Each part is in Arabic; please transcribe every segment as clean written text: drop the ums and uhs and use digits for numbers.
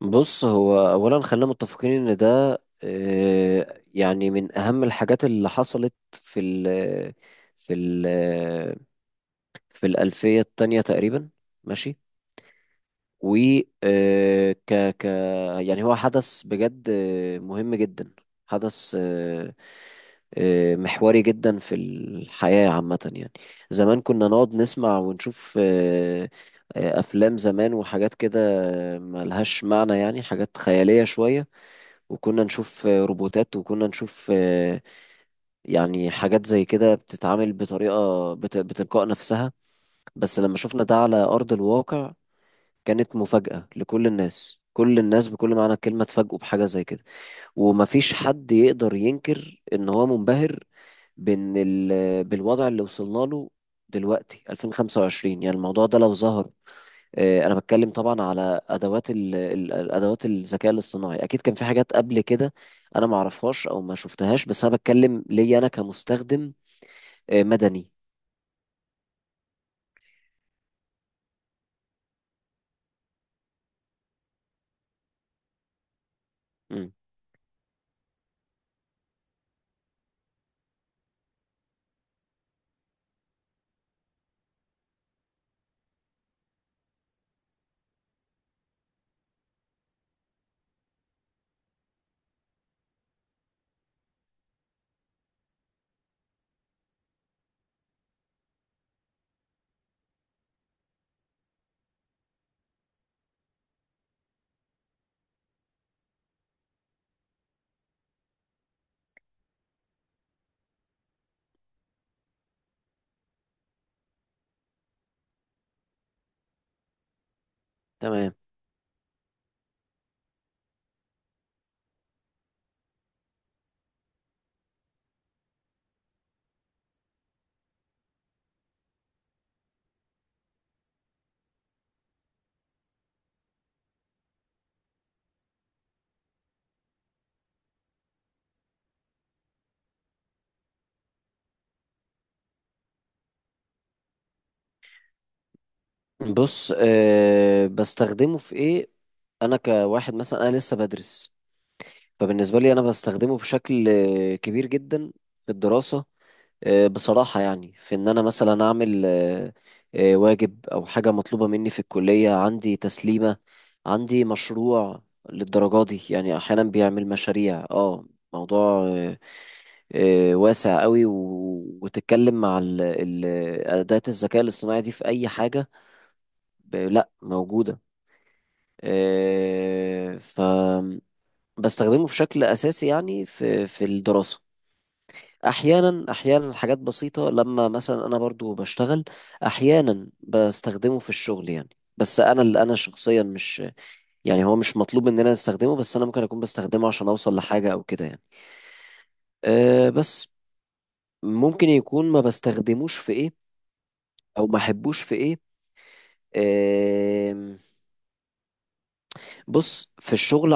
بص، هو اولا خلينا متفقين ان ده يعني من اهم الحاجات اللي حصلت في ال في الالفيه التانية تقريبا، ماشي. و آه، ك ك يعني هو حدث بجد مهم جدا. حدث محوري جدا في الحياة عامة يعني. زمان كنا نقعد نسمع ونشوف، أفلام زمان وحاجات كده ملهاش معنى، يعني حاجات خيالية شوية. وكنا نشوف روبوتات، وكنا نشوف يعني حاجات زي كده بتتعامل بتلقاء نفسها. بس لما شفنا ده على أرض الواقع كانت مفاجأة لكل الناس، كل الناس بكل معنى الكلمة اتفاجئوا بحاجة زي كده. ومفيش حد يقدر ينكر ان هو منبهر بالوضع اللي وصلنا له دلوقتي. 2025 يعني الموضوع ده لو ظهر. انا بتكلم طبعا على الادوات الذكاء الاصطناعي، اكيد كان في حاجات قبل كده انا ما اعرفهاش او ما شفتهاش، بس انا بتكلم ليا انا كمستخدم مدني. مم. تمام. بص، أه، بستخدمه في ايه؟ انا كواحد مثلا انا لسه بدرس، فبالنسبه لي انا بستخدمه بشكل كبير جدا في الدراسه. أه، بصراحه يعني في ان انا مثلا اعمل أه أه واجب او حاجه مطلوبه مني في الكليه، عندي تسليمه، عندي مشروع. للدرجه دي يعني احيانا بيعمل مشاريع. اه، موضوع أه آه، واسع قوي، وتتكلم مع اداه الذكاء الاصطناعي دي في اي حاجه لا موجوده. آه، ف بستخدمه بشكل اساسي يعني في في الدراسه. احيانا حاجات بسيطه، لما مثلا انا برضو بشتغل احيانا بستخدمه في الشغل يعني. بس انا اللي انا شخصيا مش، يعني هو مش مطلوب مننا نستخدمه، بس انا ممكن اكون بستخدمه عشان اوصل لحاجه او كده يعني. أه، بس ممكن يكون ما بستخدموش في ايه او ما احبوش في ايه. أه، بص، في الشغل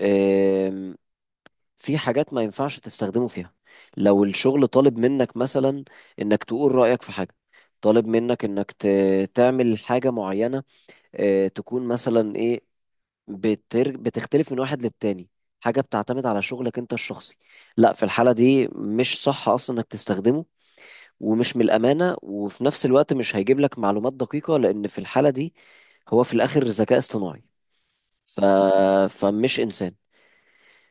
عامه في حاجات ما ينفعش تستخدمه فيها. لو الشغل طالب منك مثلا انك تقول رأيك في حاجة، طالب منك انك تعمل حاجة معينة، تكون مثلا ايه، بتختلف من واحد للتاني، حاجة بتعتمد على شغلك انت الشخصي. لا، في الحالة دي مش صح اصلا انك تستخدمه، ومش من الأمانة، وفي نفس الوقت مش هيجيب لك معلومات دقيقة، لأن في الحالة دي هو في الآخر ذكاء اصطناعي. ف... فمش إنسان.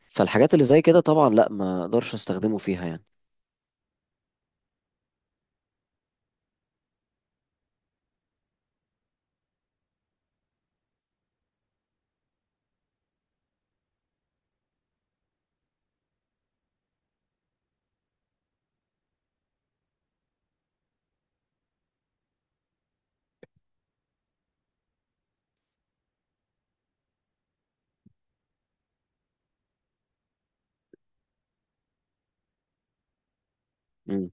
فالحاجات اللي زي كده طبعا لا، ما اقدرش استخدمه فيها يعني. مم.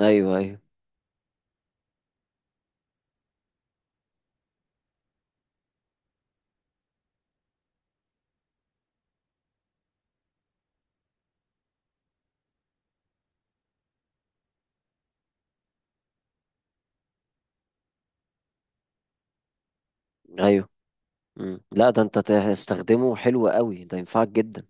ايوه، ايوه، ايوه. مم. لا، ده انت تستخدمه حلو قوي، ده ينفعك جدا.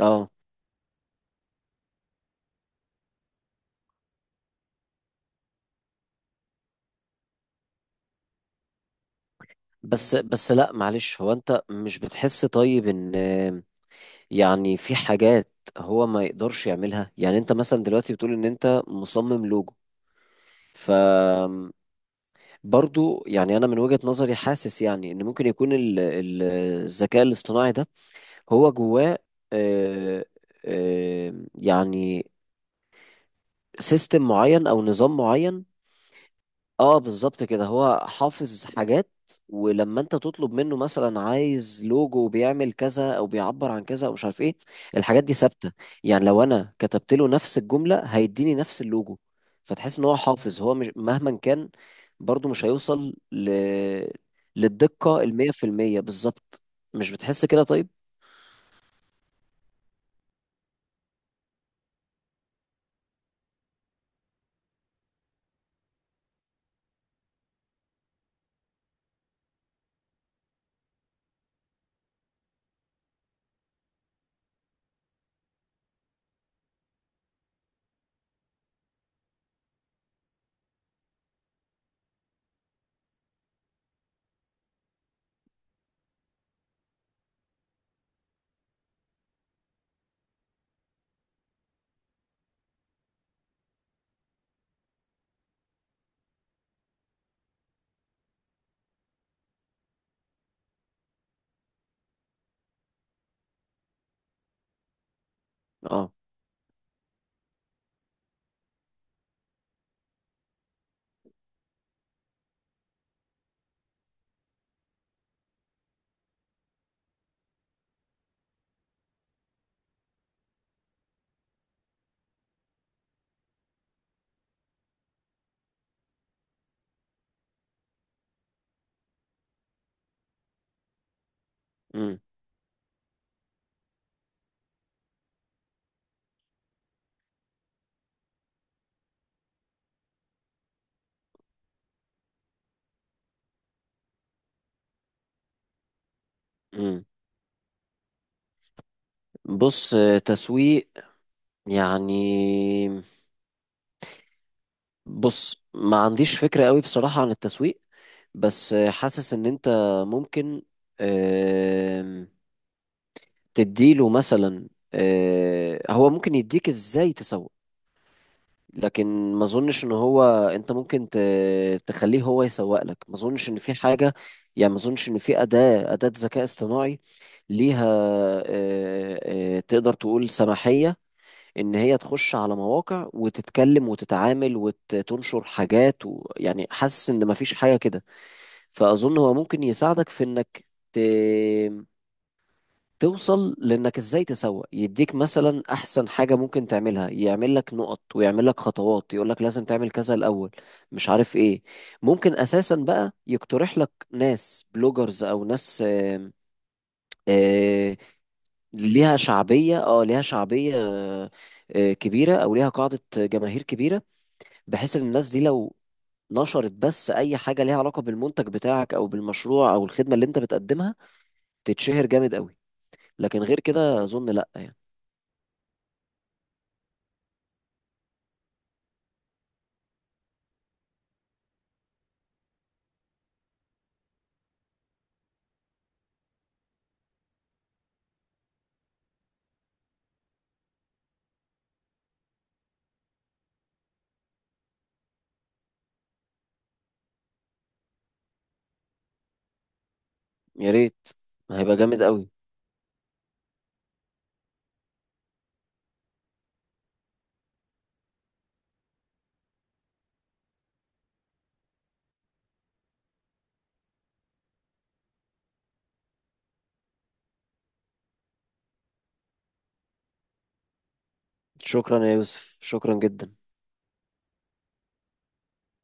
اه، بس بس لا معلش، هو انت مش بتحس طيب ان، يعني في حاجات هو ما يقدرش يعملها؟ يعني انت مثلا دلوقتي بتقول ان انت مصمم لوجو، ف برضو يعني انا من وجهة نظري حاسس يعني ان ممكن يكون الذكاء الاصطناعي ده هو جواه آه، يعني سيستم معين او نظام معين. اه بالظبط كده، هو حافظ حاجات. ولما انت تطلب منه مثلا عايز لوجو بيعمل كذا او بيعبر عن كذا او مش عارف ايه، الحاجات دي ثابته. يعني لو انا كتبت له نفس الجمله هيديني نفس اللوجو، فتحس ان هو حافظ، هو مش مهما كان برضو مش هيوصل للدقه المية في المية بالظبط. مش بتحس كده طيب؟ اه. امم. امم. بص، تسويق يعني؟ بص ما عنديش فكره قوي بصراحه عن التسويق، بس حاسس ان انت ممكن، آم، تديله مثلا، هو ممكن يديك ازاي تسوق، لكن ما اظنش ان هو، انت ممكن تخليه هو يسوق لك. ما اظنش ان في حاجة، يعني ما اظنش ان في أداة ذكاء اصطناعي ليها آه، تقدر تقول سماحية ان هي تخش على مواقع وتتكلم وتتعامل وتنشر حاجات و... يعني حاسس ان ما فيش حاجة كده. فأظن هو ممكن يساعدك في إنك ت... توصل لإنك إزاي تسوق، يديك مثلا أحسن حاجة ممكن تعملها، يعمل لك نقط ويعمل لك خطوات يقول لك لازم تعمل كذا الأول، مش عارف إيه. ممكن أساسا بقى يقترح لك ناس بلوجرز أو ناس آم، آه، ليها شعبية. اه ليها شعبية كبيرة، أو ليها قاعدة جماهير كبيرة، بحيث إن الناس دي لو نشرت بس أي حاجة ليها علاقة بالمنتج بتاعك أو بالمشروع أو الخدمة اللي أنت بتقدمها تتشهر جامد قوي. لكن غير كده اظن لا يعني. يا ريت، هيبقى جامد قوي. شكرا يا يوسف، شكرا جدا.